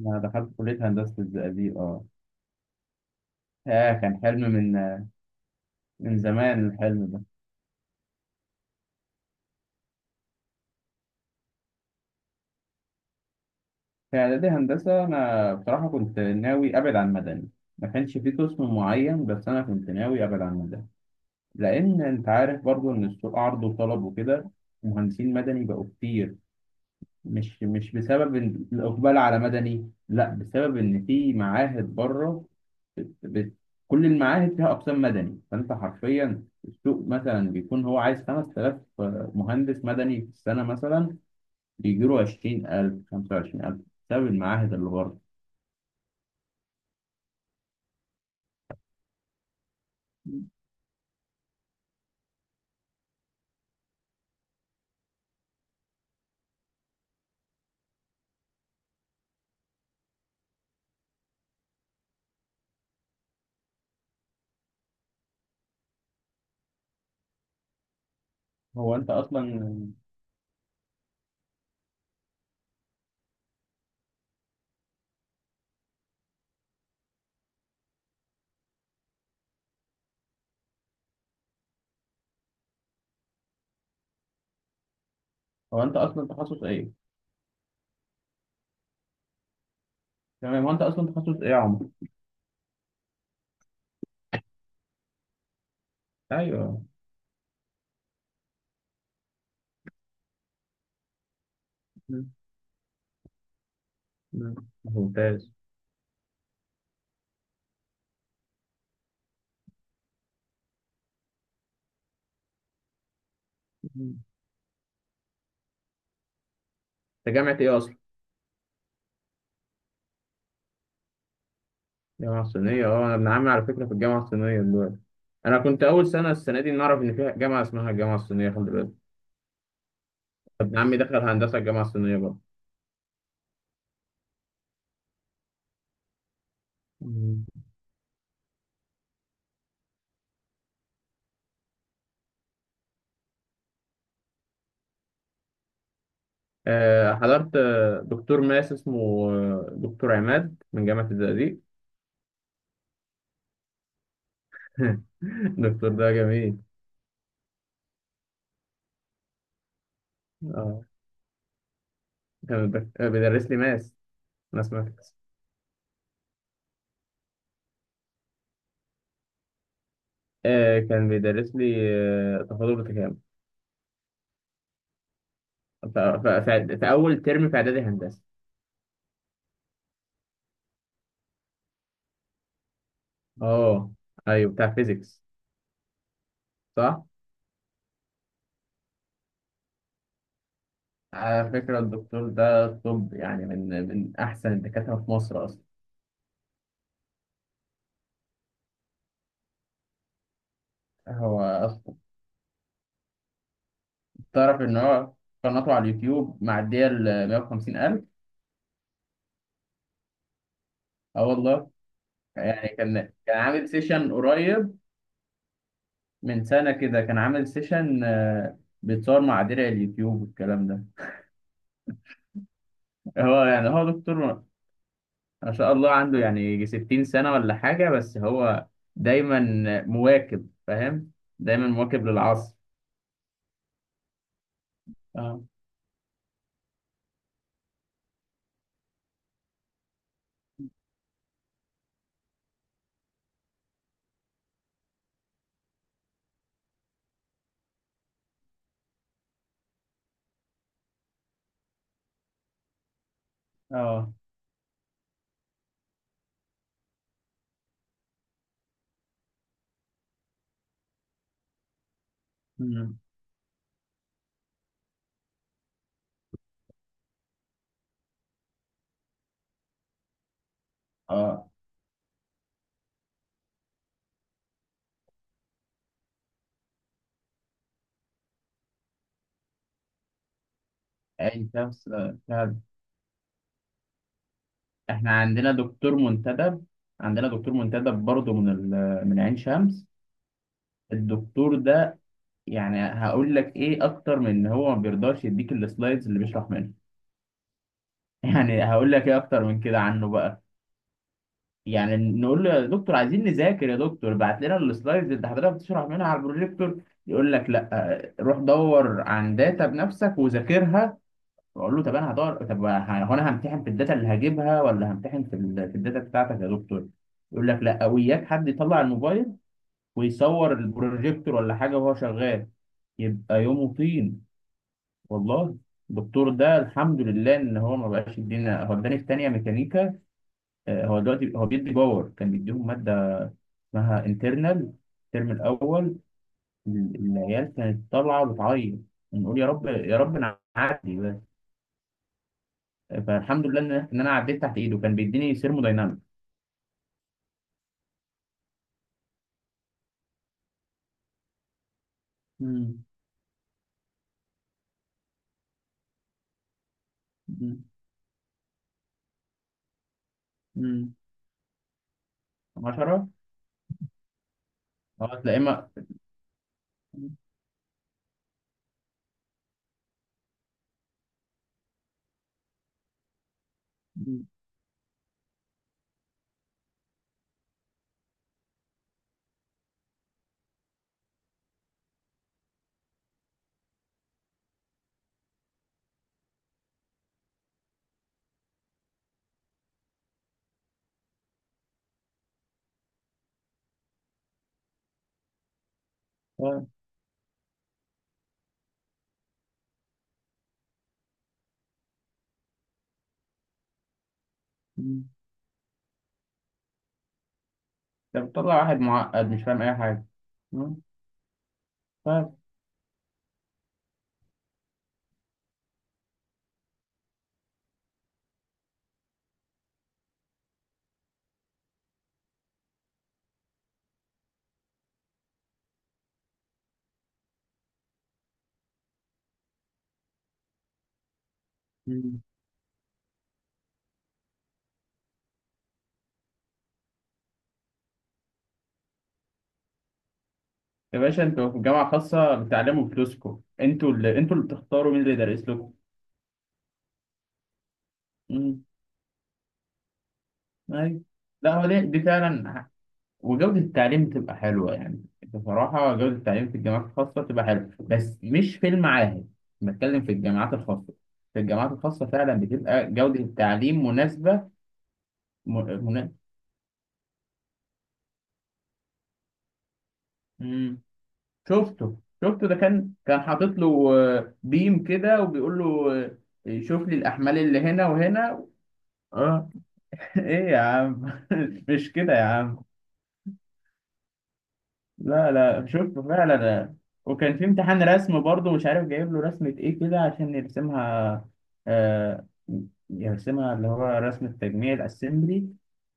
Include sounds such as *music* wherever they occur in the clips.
أنا دخلت كلية هندسة الزقازيق. أه آه كان حلم من زمان، الحلم ده في إعدادي هندسة. أنا بصراحة كنت ناوي أبعد عن مدني، ما كانش في قسم معين، بس أنا كنت ناوي أبعد عن مدني. لأن أنت عارف برضو إن السوق عرض وطلب وكده، مهندسين مدني بقوا كتير. مش بسبب إن الإقبال على مدني، لا، بسبب إن في معاهد بره. بت... بت... كل المعاهد فيها أقسام مدني، فأنت حرفيا السوق مثلا بيكون هو عايز 5000 مهندس مدني في السنة مثلا، بيجيله 20000، 25000، بسبب المعاهد اللي بره. هو أنت أصلا هو أنت أصلا تخصص إيه؟ تمام، هو أنت أصلا تخصص إيه يا عمر؟ أيوه. مم. مم. ممتاز. مم. أنت جامعة إيه أصلا؟ جامعة صينية، أه. أنا ابن عمي على فكرة في الجامعة الصينية دلوقتي. أنا كنت أول سنة، السنة دي، نعرف إن فيها جامعة اسمها الجامعة الصينية، خلي بالك. ابن عمي دخل هندسة الجامعة الصينية. برضه حضرت دكتور ماس اسمه دكتور عماد من جامعة الزقازيق. *laughs* الدكتور ده جميل. اه، كان بيدر- آه، بيدرس لي ماس، ماس ماثكس. كان بيدرس لي تفاضل وتكامل في أول ترم في إعدادي هندسة. اه، أيوه، بتاع فيزيكس. صح؟ على فكرة الدكتور ده، طب يعني، من أحسن الدكاترة في مصر أصلا. هو أصلا تعرف إن هو قناته على اليوتيوب معدية ال 150 ألف. اه والله. يعني كان عامل سيشن قريب، من سنة كده، كان عامل سيشن، بيتصور مع درع اليوتيوب والكلام ده. هو يعني، هو دكتور ما شاء الله، عنده يعني يجي 60 سنة ولا حاجة، بس هو دايما مواكب، فاهم، دايما مواكب للعصر. اه. اه. مم. اه. اي شخص فعلا. احنا عندنا دكتور منتدب، عندنا دكتور منتدب برضه من من عين شمس. الدكتور ده، يعني هقول لك ايه اكتر من ان هو ما بيرضاش يديك السلايدز اللي بيشرح منها. *laughs* يعني هقول لك ايه اكتر من كده عنه بقى. يعني نقول له يا دكتور، عايزين نذاكر يا دكتور، بعت لنا السلايدز اللي حضرتك بتشرح منها على البروجيكتور، يقول لك لا، روح دور عن داتا بنفسك وذاكرها. واقول له طب انا هدور، طب هو انا همتحن في الداتا اللي هجيبها، ولا همتحن في في الداتا بتاعتك يا دكتور؟ يقول لك لا. وياك حد يطلع الموبايل ويصور البروجيكتور ولا حاجه وهو شغال، يبقى يومه طين، والله. الدكتور ده الحمد لله ان هو ما بقاش يدينا، هو اداني في تانية ميكانيكا. هو دلوقتي هو بيدي باور، كان بيديهم ماده اسمها انترنال الترم الاول. ال- العيال كانت طالعه بتعيط، نقول يا رب يا رب نعدي بس. فالحمد لله ان انا عديت تحت ايده، كان بيديني ثيرموداينامك. مم. مم. مم. 10. اه، تلاقي ما. مم. آه، مم. ده بتطلع واحد معقد مش فاهم اي حاجه. آه، ف- يا باشا، انتوا في جامعة خاصة، بتعلموا بفلوسكم، انتوا اللي، انتوا اللي بتختاروا مين اللي يدرس لكم. امم. ايوه. لا هو دي، دي فعلا ح-، وجودة التعليم تبقى حلوة يعني. بصراحة جودة التعليم في الجامعات الخاصة تبقى حلوة، بس مش في المعاهد. بتكلم في الجامعات الخاصة. في الجامعات الخاصة فعلا بتبقى جودة التعليم مناسبة. م... من... مم. شفته، شفته ده كان، كان حاطط له بيم كده وبيقول له شوف لي الأحمال اللي هنا وهنا. ايه يا عم، *laughs* مش كده يا عم. لا لا، شوف فعلا آه. وكان في امتحان رسم برضه مش عارف جايب له رسمة ايه كده عشان يرسمها. آه، يرسمها اللي هو رسم التجميع، الاسمبلي.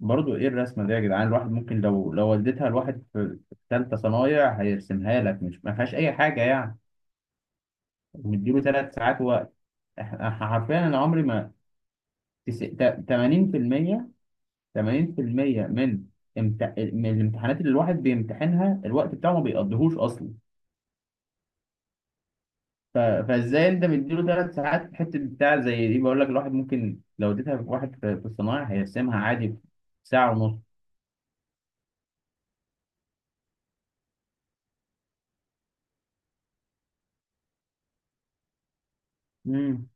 برضه ايه الرسمة دي يا جدعان، الواحد ممكن لو، لو وديتها لواحد في، في ثالثة صنايع هيرسمها لك، مش ما فيهاش اي حاجة يعني. ومديله ثلاث ساعات وقت. حرفيا انا عمري ما تس- تا- 80% 80% من من الامتحانات اللي الواحد بيمتحنها الوقت بتاعه ما بيقضيهوش اصلا. فازاي انت مديله ثلاث ساعات في الحته بتاع زي دي؟ بقول لك الواحد ممكن لو اديتها لواحد في، في الصنايع، هيقسمها عادي في ساعه ونص. امم.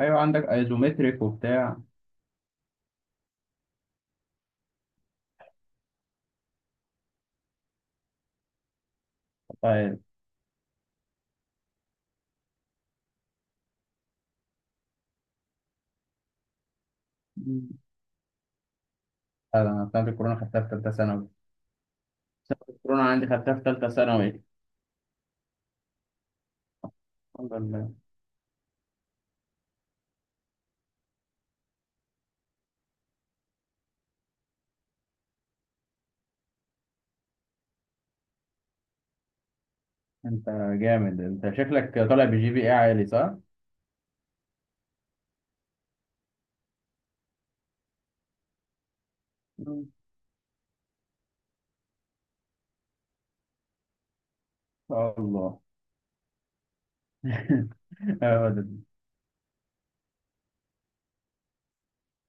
ايوه، عندك ايزومتريك وبتاع. طيب. مم. انا سنه الكورونا خدتها في ثالثه ثانوي. سنه الكورونا عندي خدتها في ثالثه ثانوي. الحمد لله. انت جامد، انت شكلك طالع بجي بي اي عالي، صح؟ ان مم. ان شاء الله. *laughs*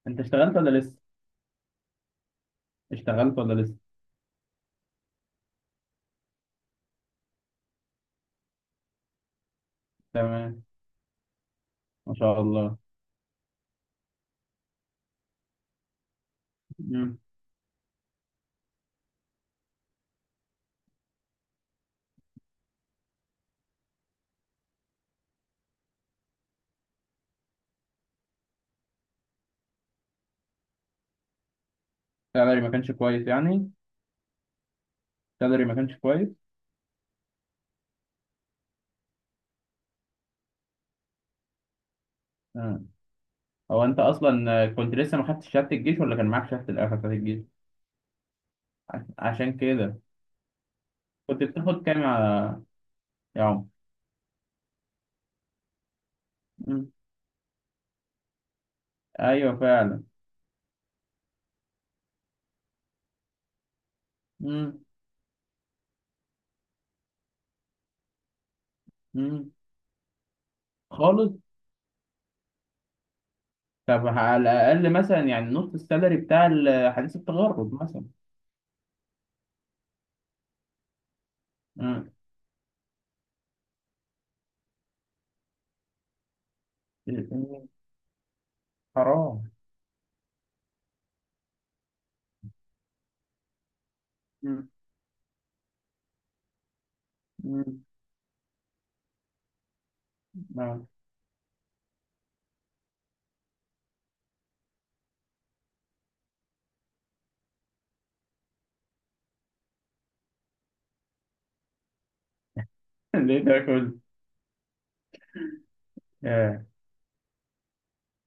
انت اشتغلت ولا لسه؟ اشتغلت ولا لسه؟ تمام. ما شاء الله. امم. سالري ما كانش كويس يعني؟ سالري ما كانش كويس. آه. هو انت اصلا كنت لسه ما خدتش شهاده الجيش ولا كان معاك شهاده الاخر بتاعت الجيش؟ عشان كده. كنت بتاخد كام يا، يا عمر؟ مم. ايوه، فعلا. مم. مم. خالص. طب على الاقل مثلا يعني نص السالري بتاع ال-، حديث التغرب مثلا. مم. حرام. مم. مم. آه. *laughs* ليه ده كله؟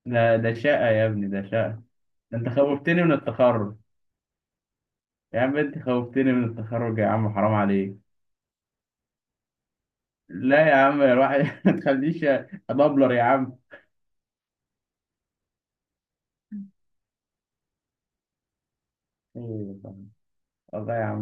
ده ده شقة يا ابني، ده شقة. ده انت خوفتني من التخرج، يا عم انت خوفتني من التخرج يا عم، حرام عليك. لا يا عم الواحد، *laughs* ما تخليش ادبلر يا عم. أيوة طبعاً. والله يا عم.